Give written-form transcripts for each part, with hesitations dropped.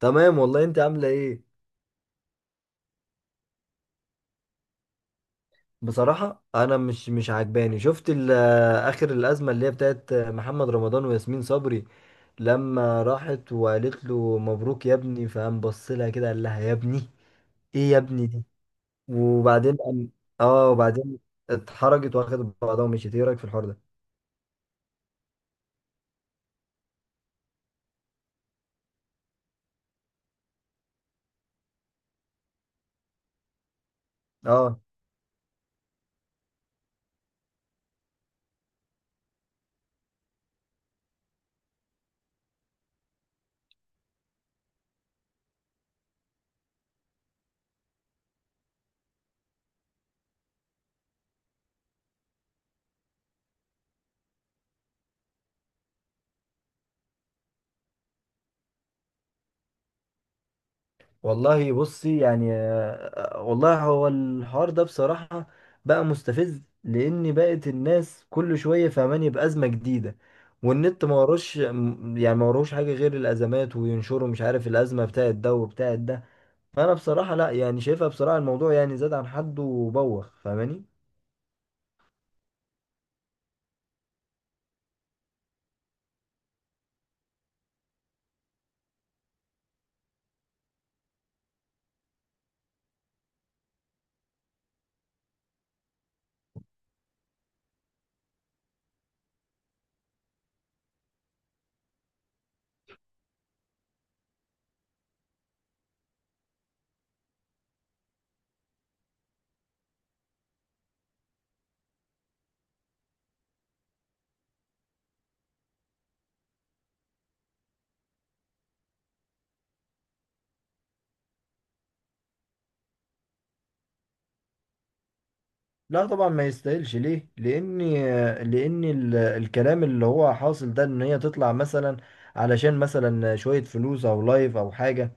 تمام والله، انت عامله ايه؟ بصراحه انا مش عجباني. اخر الازمه اللي هي بتاعت محمد رمضان وياسمين صبري، لما راحت وقالت له مبروك يا ابني، فقام بص لها كده قال لها يا ابني. ايه يا ابني دي؟ وبعدين قام- اه، وبعدين اتحرجت واخدت بعضها ومشيت. ايه رايك في الحوار ده؟ اه، والله بصي، يعني والله هو الحوار ده بصراحة بقى مستفز، لأن بقت الناس كل شوية فهماني بأزمة جديدة. والنت ما وروش يعني ما وروش حاجة غير الأزمات، وينشروا مش عارف الأزمة بتاعت ده وبتاعت ده. فأنا بصراحة لا يعني شايفها، بصراحة الموضوع يعني زاد عن حد وبوخ فاهماني. لا طبعا ما يستاهلش. ليه؟ لان الكلام اللي هو حاصل ده ان هي تطلع مثلا علشان مثلا شوية فلوس او لايف او حاجة.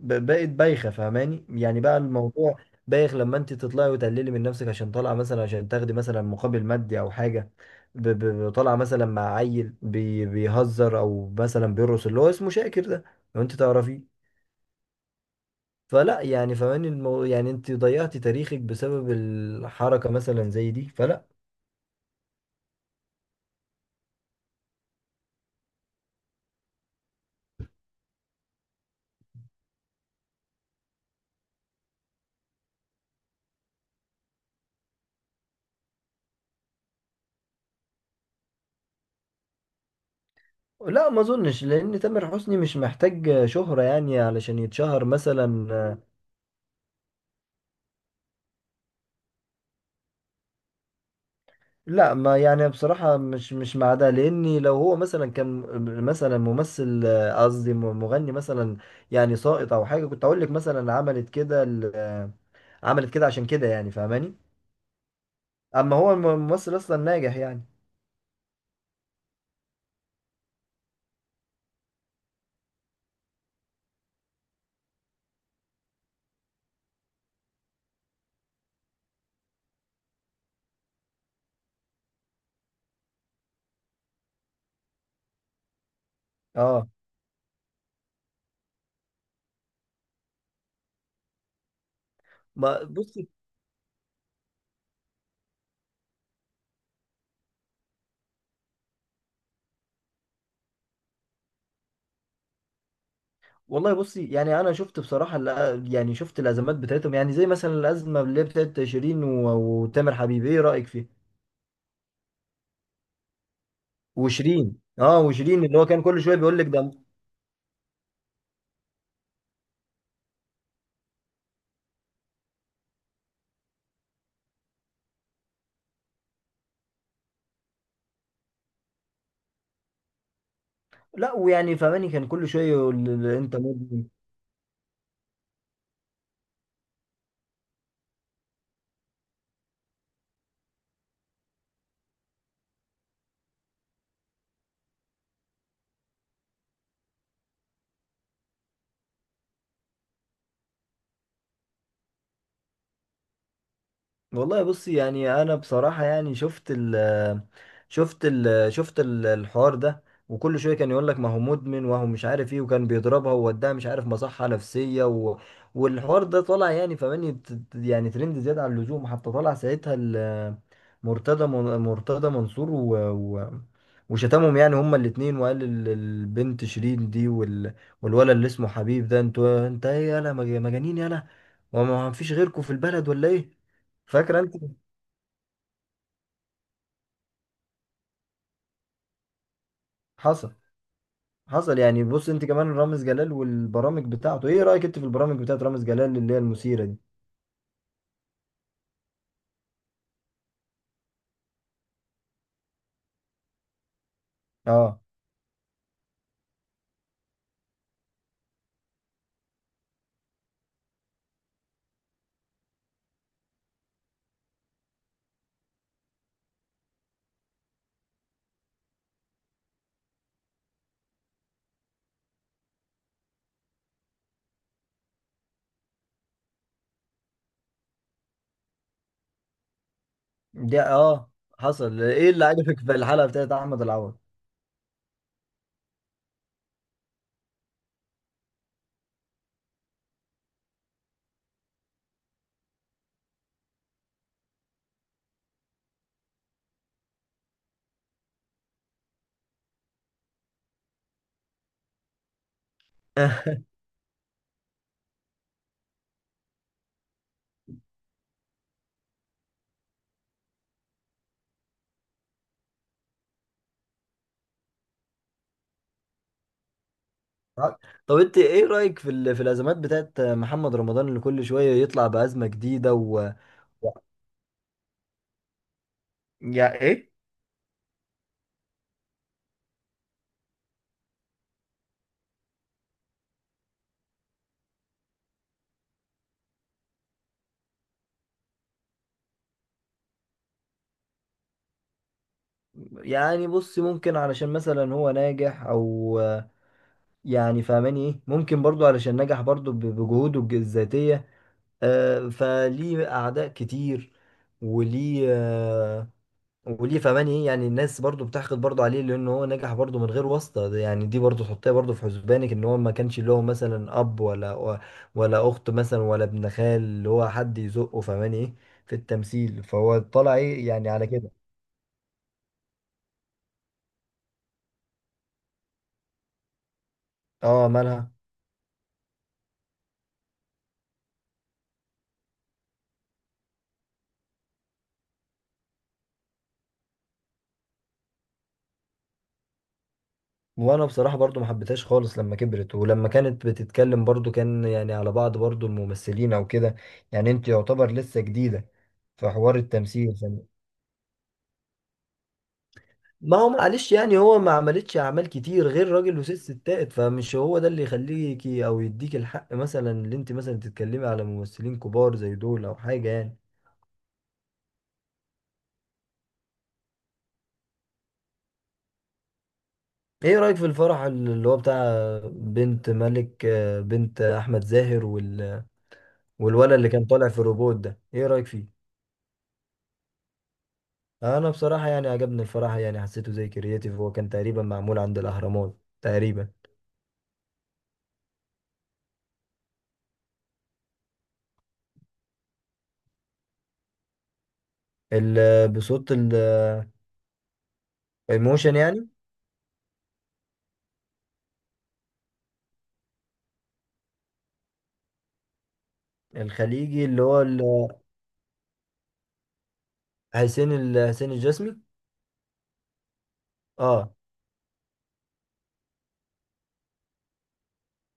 بقت بايخة فاهماني، يعني بقى الموضوع بايخ لما انت تطلعي وتقللي من نفسك عشان طالعة مثلا عشان تاخدي مثلا مقابل مادي او حاجة. طالعة مثلا مع عيل بيهزر او مثلا بيرقص اللي هو اسمه شاكر ده، لو انت تعرفيه. فلا يعني فاهماني يعني انت ضيعتي تاريخك بسبب الحركة مثلا زي دي، فلا. لا ما اظنش، لان تامر حسني مش محتاج شهرة يعني علشان يتشهر مثلا. لا، ما يعني بصراحة مش مع ده، لاني لو هو مثلا كان مثلا ممثل، قصدي مغني مثلا، يعني ساقط او حاجة، كنت اقول لك مثلا عملت كده عملت كده عشان كده يعني فاهماني. اما هو الممثل اصلا ناجح يعني. اه، ما بصي. والله بصي، يعني انا شفت بصراحه يعني شفت الازمات بتاعتهم، يعني زي مثلا الازمه اللي هي بتاعت شيرين و- وتامر حبيبي. ايه رايك فيها وشيرين؟ اه، وشيرين اللي هو كان كل شويه بيقول لك ده. لا، ويعني فماني كان كل شويه يقول انت مدمن. والله بصي، يعني انا بصراحه يعني شفت الحوار ده، وكل شويه كان يقول لك ما هو مدمن وهو مش عارف ايه، وكان بيضربها ووداها مش عارف مصحه نفسيه والحوار ده طالع يعني فماني يعني ترند زياده عن اللزوم. حتى طلع ساعتها مرتضى منصور وشتمهم يعني هما الاتنين، وقال البنت شيرين دي والولد اللي اسمه حبيب ده. انتوا انت ايه يالا، مجانين يالا، وما فيش غيركم في البلد ولا ايه؟ فاكره انت؟ حصل حصل، يعني بص انت كمان رامز جلال والبرامج بتاعته. ايه رأيك انت في البرامج بتاعت رامز جلال اللي هي المثيرة دي؟ اه، دي اه. حصل، ايه اللي عجبك في الحلقة بتاعت احمد العوض؟ اه. طب انت ايه رأيك في في الازمات بتاعت محمد رمضان، اللي كل شوية يطلع بأزمة جديدة و... يا ايه. يعني بص ممكن علشان مثلا هو ناجح، او يعني فاهماني ايه، ممكن برضو علشان نجح برضو بجهوده الذاتية. فليه أعداء كتير. وليه آه، وليه فمان ايه، يعني الناس برضو بتحقد برضو عليه، لأن هو نجح برضو من غير واسطة. ده يعني دي برضو تحطيها برضو في حسبانك، إن هو ما كانش له مثلا أب، ولا ولا أخت مثلا، ولا ابن خال اللي هو حد يزقه فمان ايه في التمثيل، فهو طلع ايه يعني على كده. اه، مالها؟ وانا بصراحة برضو ما حبيتهاش خالص لما كبرت، ولما كانت بتتكلم برضو كان يعني على بعض برضو الممثلين او كده. يعني انت يعتبر لسه جديدة في حوار التمثيل ما هو معلش، يعني هو ما عملتش اعمال كتير غير راجل وست ستات، فمش هو ده اللي يخليكي او يديك الحق مثلا اللي انت مثلا تتكلمي على ممثلين كبار زي دول او حاجة يعني. ايه رأيك في الفرح اللي هو بتاع بنت ملك، بنت احمد زاهر والولد اللي كان طالع في الروبوت ده؟ ايه رأيك فيه؟ انا بصراحه يعني عجبني الفراحه، يعني حسيته زي كرياتيف، هو كان تقريبا معمول عند الاهرامات تقريبا. بصوت الموشن يعني. الخليجي اللي هو حسين الجسمي. اه،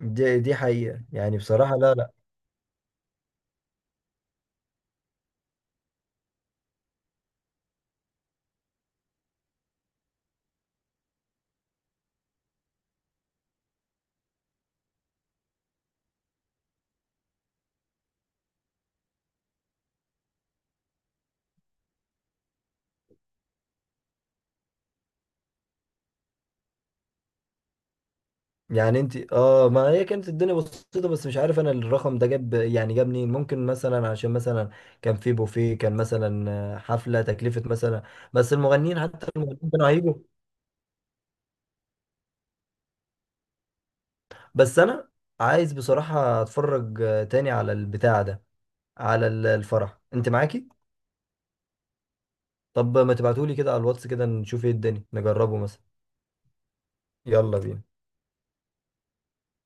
دي حقيقه يعني بصراحه، لا لا. يعني انت اه، ما هي كانت الدنيا بسيطه، بس مش عارف انا الرقم ده جاب يعني جاب منين. ممكن مثلا عشان مثلا كان في بوفيه، كان مثلا حفله تكلفه مثلا، بس المغنيين حتى المغنيين كانوا هيجوا. بس انا عايز بصراحة اتفرج تاني على البتاع ده، على الفرح انت معاكي؟ طب ما تبعتولي كده على الواتس كده نشوف ايه الدنيا، نجربه مثلا. يلا بينا.